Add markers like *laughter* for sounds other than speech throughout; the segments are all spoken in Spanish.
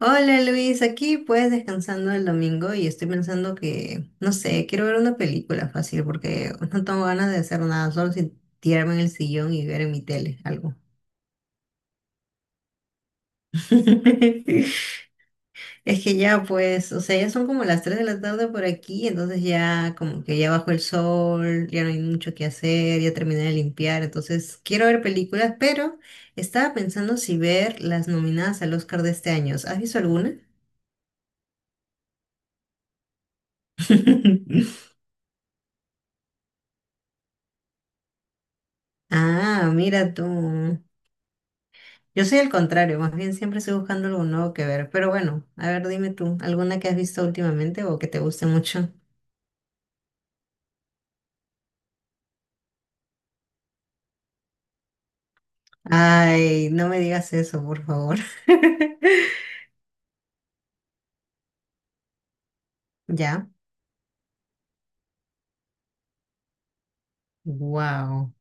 Hola Luis, aquí pues descansando el domingo y estoy pensando que, no sé, quiero ver una película fácil porque *laughs* no tengo ganas de hacer nada, solo sin tirarme en el sillón y ver en mi tele algo. *laughs* Es que ya pues, o sea, ya son como las 3 de la tarde por aquí, entonces ya como que ya bajó el sol, ya no hay mucho que hacer, ya terminé de limpiar, entonces quiero ver películas, pero estaba pensando si ver las nominadas al Oscar de este año. ¿Has visto alguna? *laughs* Ah, mira tú. Yo soy el contrario, más bien siempre estoy buscando algo nuevo que ver. Pero bueno, a ver, dime tú, ¿alguna que has visto últimamente o que te guste mucho? Ay, no me digas eso, por favor. *laughs* ¿Ya? Wow.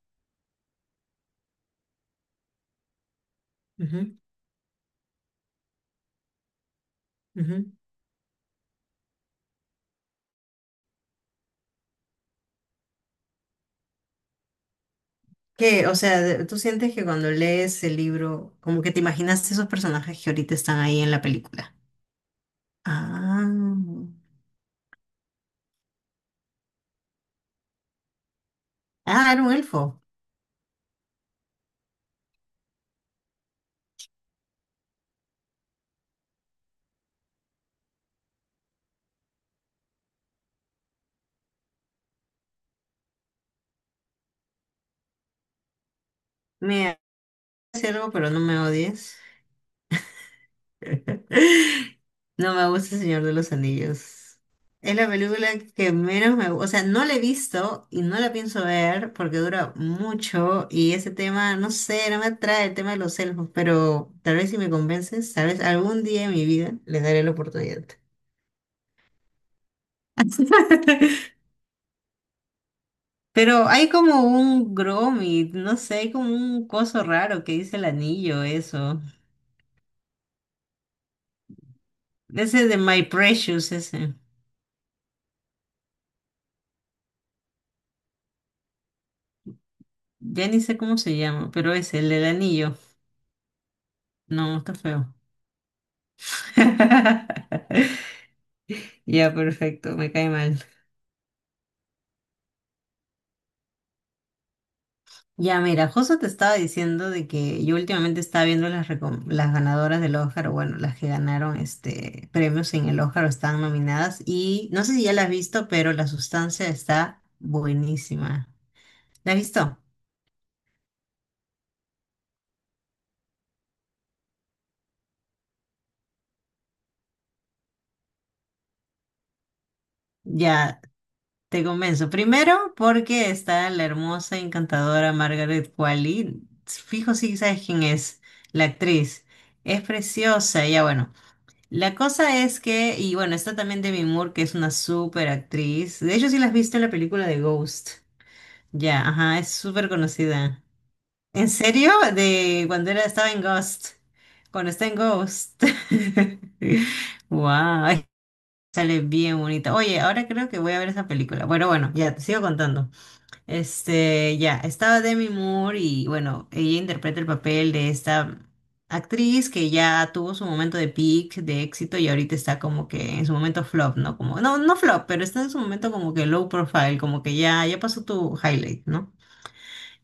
¿Qué? O sea, ¿tú sientes que cuando lees el libro, como que te imaginas esos personajes que ahorita están ahí en la película? Ah, ah, era un elfo. Me hace algo, pero no me odies. *laughs* No me gusta El Señor de los Anillos. Es la película que menos me gusta. O sea, no la he visto y no la pienso ver porque dura mucho y ese tema, no sé, no me atrae el tema de los elfos, pero tal vez si me convences, tal vez algún día en mi vida les daré la oportunidad. *laughs* Pero hay como un Gromit, no sé, hay como un coso raro que dice el anillo, eso. Ese de My Precious, ese. Ya ni sé cómo se llama, pero es el del anillo. No, está feo. *laughs* Ya, perfecto, me cae mal. Ya, mira, justo te estaba diciendo de que yo últimamente estaba viendo las, las ganadoras del Oscar, o bueno, las que ganaron este premios en el Oscar o están nominadas. Y no sé si ya las has visto, pero la sustancia está buenísima. ¿La has visto? Ya, te convenzo. Primero, porque está la hermosa, encantadora Margaret Qualley. Fijo si sabes quién es, la actriz. Es preciosa, ya bueno. La cosa es que, y bueno, está también Demi Moore, que es una súper actriz. De hecho, sí la has visto en la película de Ghost. Ya, ajá, es súper conocida. ¿En serio? De cuando era, estaba en Ghost. Cuando está en Ghost. *laughs* Wow, sale bien bonita. Oye, ahora creo que voy a ver esa película. Bueno, bueno, ya te sigo contando. Este, ya, estaba Demi Moore y bueno, ella interpreta el papel de esta actriz que ya tuvo su momento de peak, de éxito y ahorita está como que en su momento flop, ¿no? Como, no, no flop, pero está en su momento como que low profile, como que ya, ya pasó tu highlight, ¿no?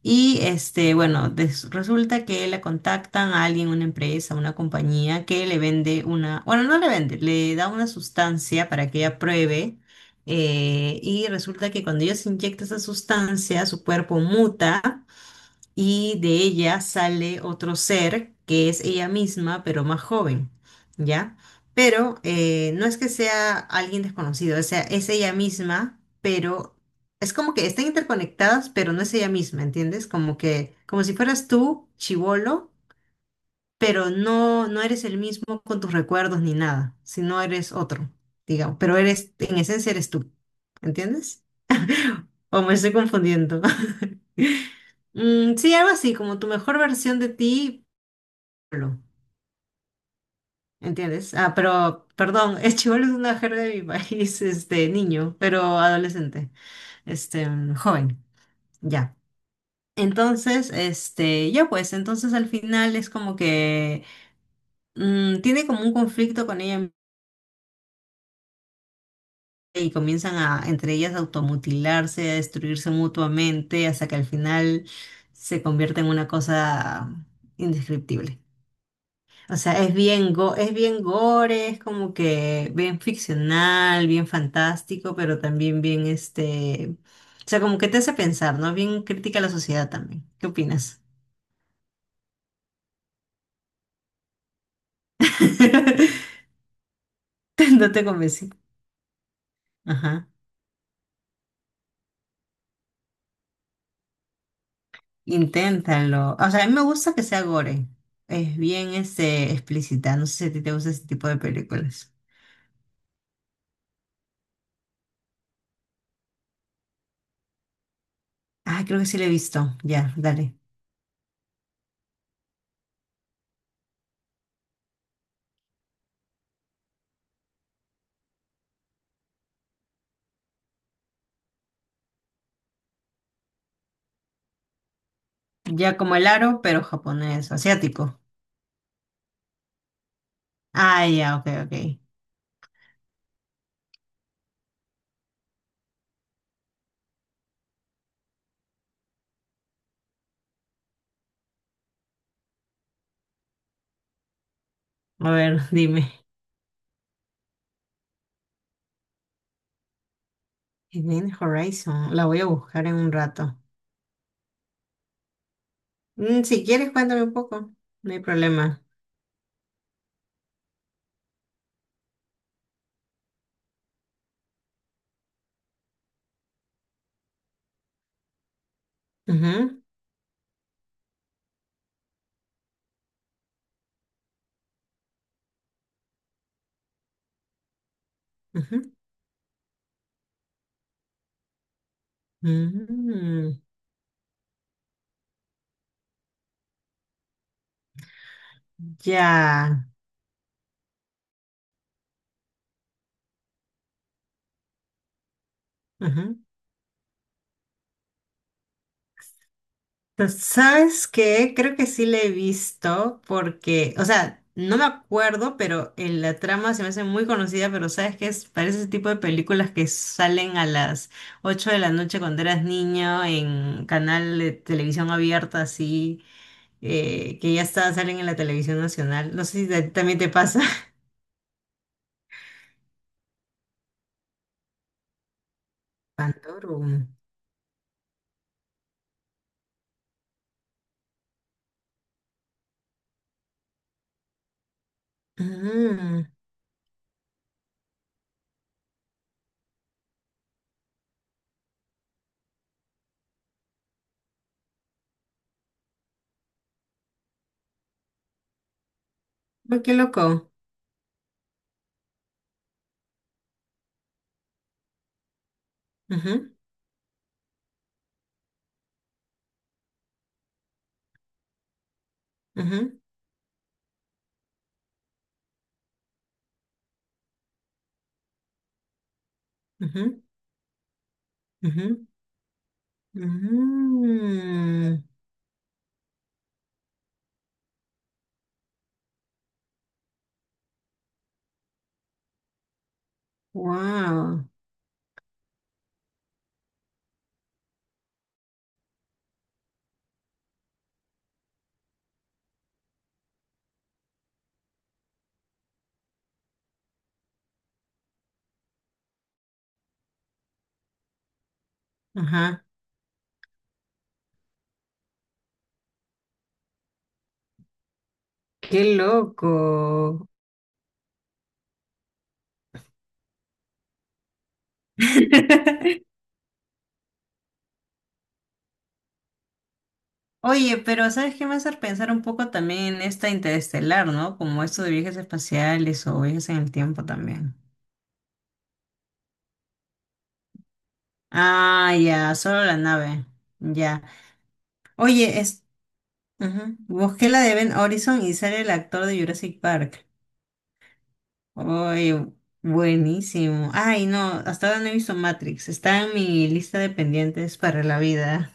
Y este, bueno, resulta que la contactan a alguien, una empresa, una compañía que le vende una, bueno, no le vende, le da una sustancia para que ella pruebe. Y resulta que cuando ella se inyecta esa sustancia, su cuerpo muta y de ella sale otro ser que es ella misma, pero más joven, ¿ya? Pero no es que sea alguien desconocido, o sea, es ella misma, pero es como que están interconectadas, pero no es ella misma, ¿entiendes? Como que, como si fueras tú, chivolo, pero no, no eres el mismo con tus recuerdos ni nada, sino eres otro, digamos, pero eres, en esencia eres tú, ¿entiendes? O me estoy confundiendo. *laughs* Mm, sí, algo así, como tu mejor versión de ti, chibolo, ¿entiendes? Ah, pero, perdón, *laughs* el chibolo es una jerga de mi país, este, niño, pero adolescente, este, joven, ya. Entonces, este, ya pues, entonces al final es como que tiene como un conflicto con ella y comienzan a, entre ellas, a automutilarse, a destruirse mutuamente, hasta que al final se convierte en una cosa indescriptible. O sea, es bien, es bien gore, es como que bien ficcional, bien fantástico, pero también bien este... O sea, como que te hace pensar, ¿no? Bien crítica a la sociedad también. ¿Qué opinas? *laughs* No te convencí. Ajá. Inténtalo. O sea, a mí me gusta que sea gore. Es bien este, explícita. No sé si a ti te gusta ese tipo de películas. Ah, creo que sí la he visto. Ya, dale. Ya como el aro, pero japonés, asiático. Ah, ya, ok, ok. A ver, dime. Event Horizon, la voy a buscar en un rato. Mm, si quieres, cuéntame un poco, no hay problema. Ujú, ujú. Mm, ya. Ujú. Pues, ¿sabes qué? Creo que sí le he visto porque, o sea, no me acuerdo, pero en la trama se me hace muy conocida, pero ¿sabes qué? Es, parece ese tipo de películas que salen a las 8 de la noche cuando eras niño en canal de televisión abierta, así. Que ya está, salen en la televisión nacional. No sé si a ti también te pasa. *laughs* Pandoro. Ah, oh, qué loco. Ujú, ujú, ujú, ujú, ujú. Wow. Ajá. Qué loco. *laughs* Oye, pero ¿sabes qué me hace pensar un poco también en esta interestelar, ¿no? Como esto de viajes espaciales o viajes en el tiempo también. Ah, ya, solo la nave. Ya. Oye, ujú. Busqué la de Ben Horizon y sale el actor de Jurassic Park. Oye, buenísimo. Ay, no, hasta ahora no he visto Matrix. Está en mi lista de pendientes para la vida.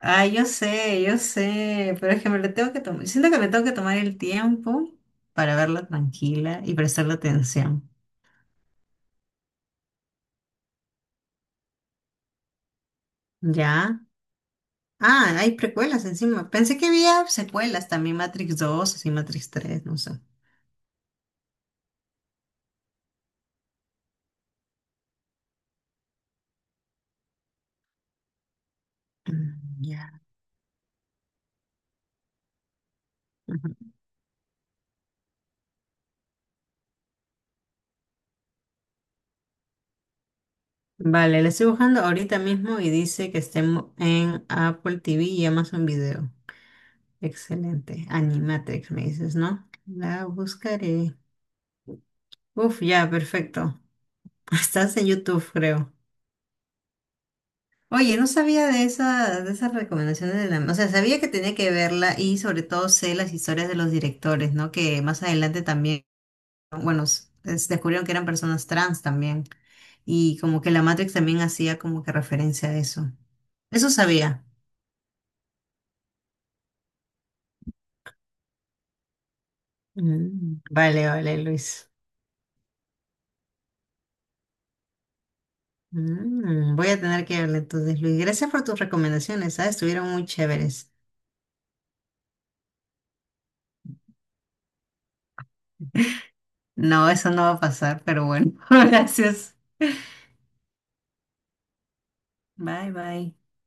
Ay, yo sé, pero es que me lo tengo que tomar. Siento que me tengo que tomar el tiempo para verla tranquila y prestarle atención. ¿Ya? Ah, hay precuelas encima. Pensé que había secuelas también, Matrix 2 así Matrix 3 no sé. Mm, ya. Vale, le estoy buscando ahorita mismo y dice que estemos en Apple TV y Amazon Video. Excelente. Animatrix, me dices, ¿no? La buscaré. Uf, ya, perfecto. *laughs* Estás en YouTube, creo. Oye, no sabía de esa, de esas recomendaciones de la... O sea, sabía que tenía que verla y sobre todo sé las historias de los directores, ¿no? Que más adelante también, bueno, descubrieron que eran personas trans también. Y como que la Matrix también hacía como que referencia a eso. Eso sabía. Vale, vale, Luis. Voy a tener que verle entonces, Luis. Gracias por tus recomendaciones, ¿sabes? Estuvieron muy chéveres. No, eso no va a pasar, pero bueno, *laughs* gracias. Bye, bye.